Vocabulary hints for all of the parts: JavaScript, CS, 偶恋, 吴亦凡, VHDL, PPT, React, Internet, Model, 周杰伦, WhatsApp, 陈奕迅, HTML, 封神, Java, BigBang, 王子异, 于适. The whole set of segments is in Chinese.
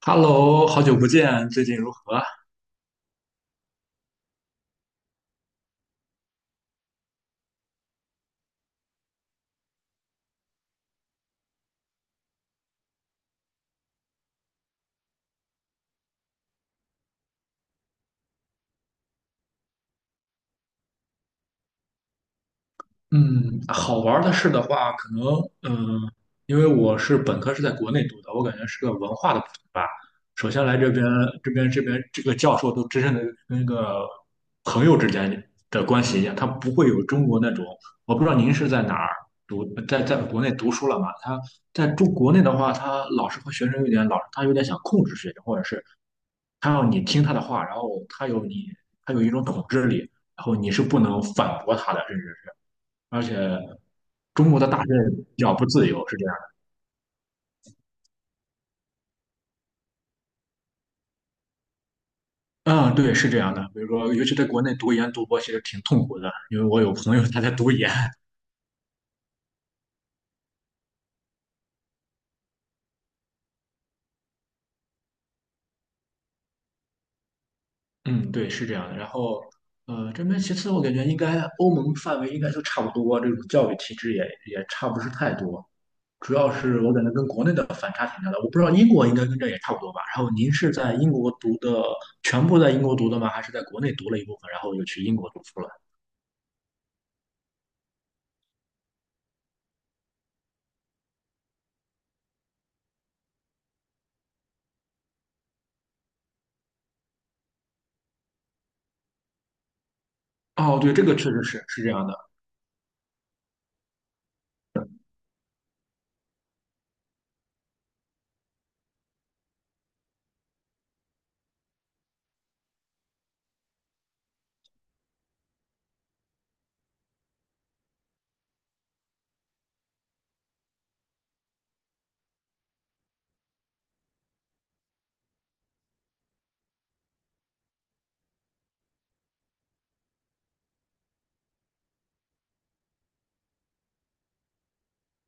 Hello，好久不见，最近如何？嗯，好玩儿的事的话，可能嗯，因为我是本科是在国内读的，我感觉是个文化的补充吧。首先来这边，这边这个教授都真正的跟个朋友之间的关系一样，他不会有中国那种。我不知道您是在哪儿读，在国内读书了嘛？他在中国内的话，他老师和学生有点老，他有点想控制学生，或者是他要你听他的话，然后他有你，他有一种统治力，然后你是不能反驳他的，甚至是，而且中国的大学比较不自由，是这样的。嗯，对，是这样的。比如说，尤其在国内读研读博其实挺痛苦的，因为我有朋友 他在读研。嗯，对，是这样的。然后，这边其次我感觉应该欧盟范围应该都差不多，这种教育体制也差不是太多。主要是我感觉跟国内的反差挺大的。我不知道英国应该跟这也差不多吧。然后您是在英国读的，全部在英国读的吗？还是在国内读了一部分，然后又去英国读书了？哦，对，这个确实是这样的。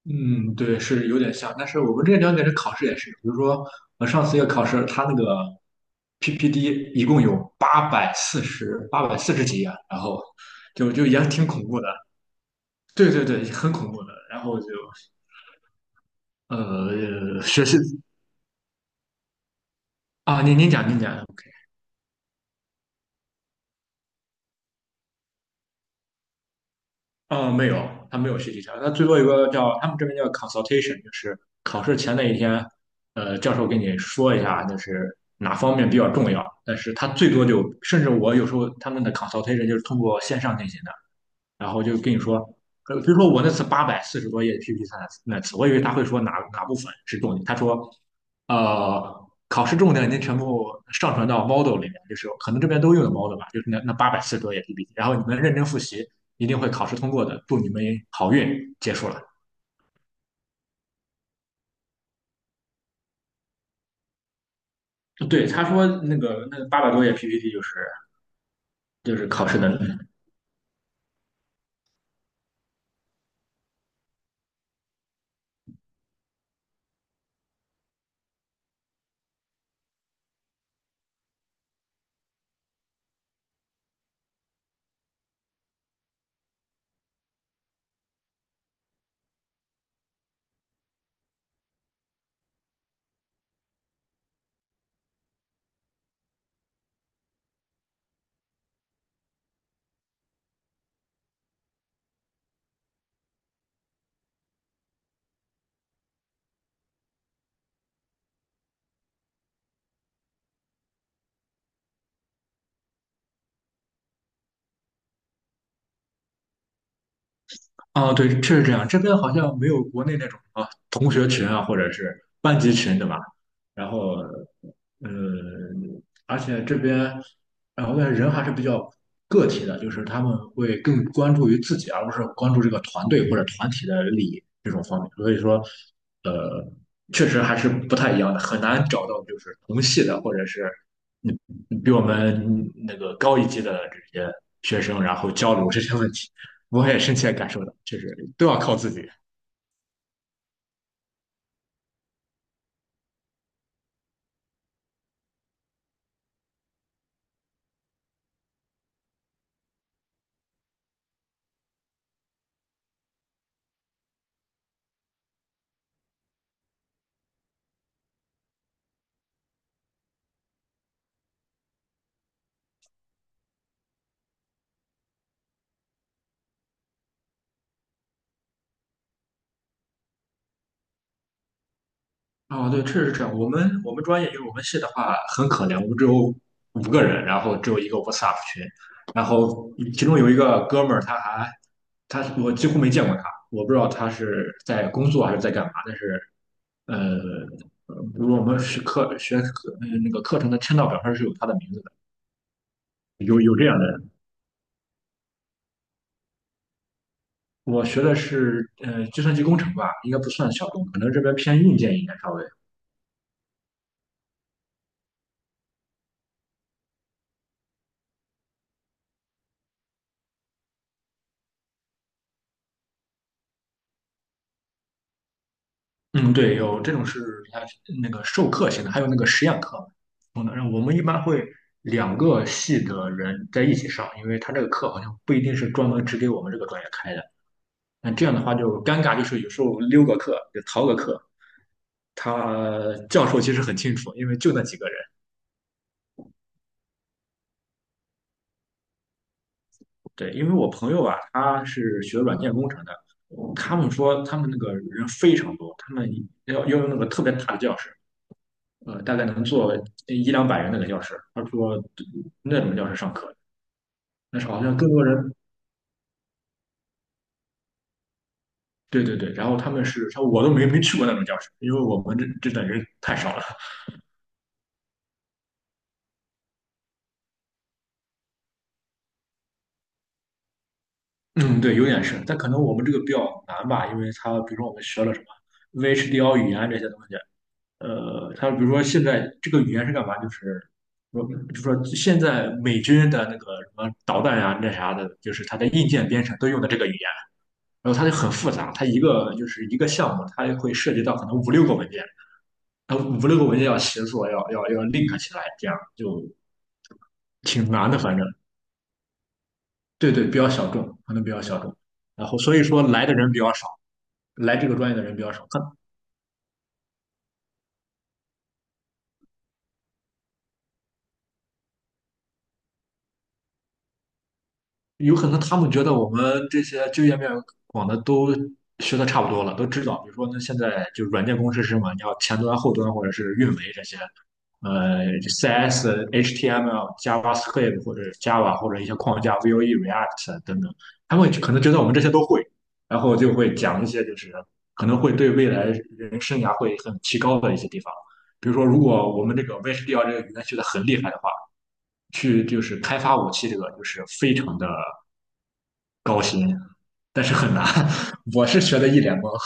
嗯，对，是有点像。但是我们这两点的考试也是，比如说我上次一个考试，它那个 p p D 一共有八百四十几页，然后就也挺恐怖的。对对对，很恐怖的。然后就学习啊，您讲您讲。没有，他没有学习条。他最多有个叫，他们这边叫 consultation，就是考试前那一天，教授给你说一下，就是哪方面比较重要。但是他最多就，甚至我有时候他们的 consultation 就是通过线上进行的。然后就跟你说，比如说我那次八百四十多页 PPT 那次，我以为他会说哪哪部分是重点。他说，考试重点已经全部上传到 Model 里面，就是可能这边都用的 Model 吧，就是那八百四十多页 PPT，然后你们认真复习，一定会考试通过的，祝你们好运，结束了。对，他说那个那800多页 PPT 就是考试的。啊，对，确实这样。这边好像没有国内那种啊同学群啊，或者是班级群，对吧？然后，呃，而且这边，然后人还是比较个体的，就是他们会更关注于自己，而不是关注这个团队或者团体的利益这种方面。所以说，呃，确实还是不太一样的，很难找到就是同系的，或者是嗯比我们那个高一级的这些学生，然后交流这些问题。我也深切感受到，确实都要靠自己。啊，对，确实是这样。我们专业就是我们系的话很可怜，我们只有五个人，然后只有一个 WhatsApp 群。然后其中有一个哥们儿，他我几乎没见过他，我不知道他是在工作还是在干嘛。但是呃，比如我们是课学课那个课程的签到表上是有他的名字的，有这样的人。我学的是计算机工程吧，应该不算小众，可能这边偏硬件一点稍微。嗯，对，有这种，是它那个授课型的，还有那个实验课。嗯，然后我们一般会两个系的人在一起上，因为他这个课好像不一定是专门只给我们这个专业开的。那这样的话就尴尬，就是有时候溜个课就逃个课。他教授其实很清楚，因为就那几个人。对，因为我朋友啊，他是学软件工程的，他们说他们那个人非常多，他们要用那个特别大的教室。大概能坐一两百人那个教室。他说那种教室上课，但是好像更多人。对对对。然后他们是，他说我都没去过那种教室，因为我们这等人太少了。嗯，对，有点是，但可能我们这个比较难吧，因为他比如说我们学了什么 VHDL 语言这些东西，他比如说现在这个语言是干嘛？就是说，就说现在美军的那个什么导弹呀、那啥的，就是它的硬件编程都用的这个语言。然后它就很复杂，它一个就是一个项目，它会涉及到可能五六个文件，然后五六个文件要协作，要 link 起来，这样就挺难的。反正对对，比较小众，可能比较小众。然后所以说来的人比较少，来这个专业的人比较少。有可能他们觉得我们这些就业面广的都学的差不多了，都知道。比如说那现在就软件工程师嘛，你要前端、后端或者是运维这些，CS、HTML、JavaScript 或者 Java 或者一些框架 v O e React 等等，他们可能觉得我们这些都会，然后就会讲一些就是可能会对未来人生涯会很提高的一些地方。比如说，如果我们这个 VHDL 这个语言学的很厉害的话，去就是开发武器这个就是非常的。高薪，但是很难。我是学的一脸懵。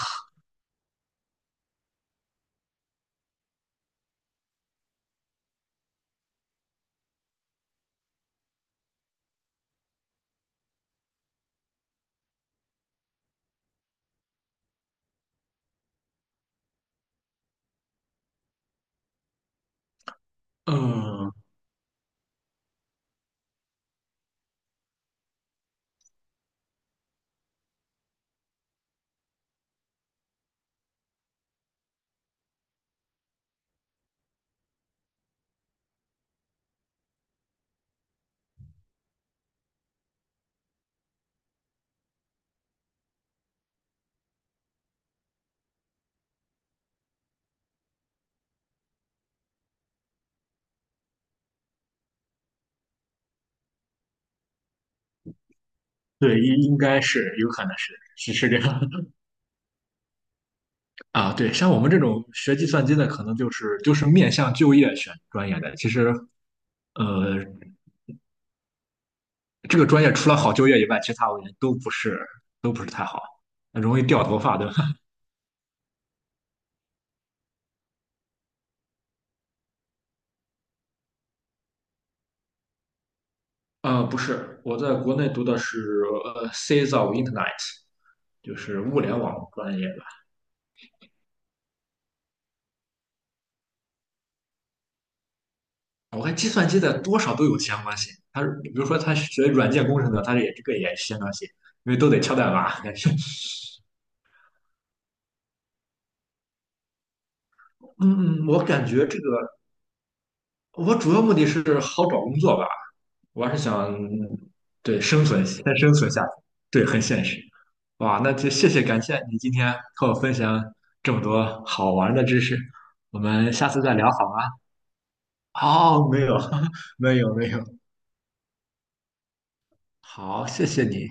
嗯，对，应该是有可能是是是这样。 啊。对，像我们这种学计算机的，可能就是面向就业选专业的。其实，呃，这个专业除了好就业以外，其他我感觉得都不是太好，容易掉头发，对吧？不是，我在国内读的是c s of Internet，就是物联网专业。我看计算机的多少都有相关性。他比如说他学软件工程的，他也这个也是相关性，因为都得敲代码。嗯，我感觉这个我主要目的是好找工作吧，我还是想对生存先生存下去，对，很现实。哇，那就谢谢感谢你今天和我分享这么多好玩的知识，我们下次再聊好吗？哦，没有，没有，没有。好，谢谢你。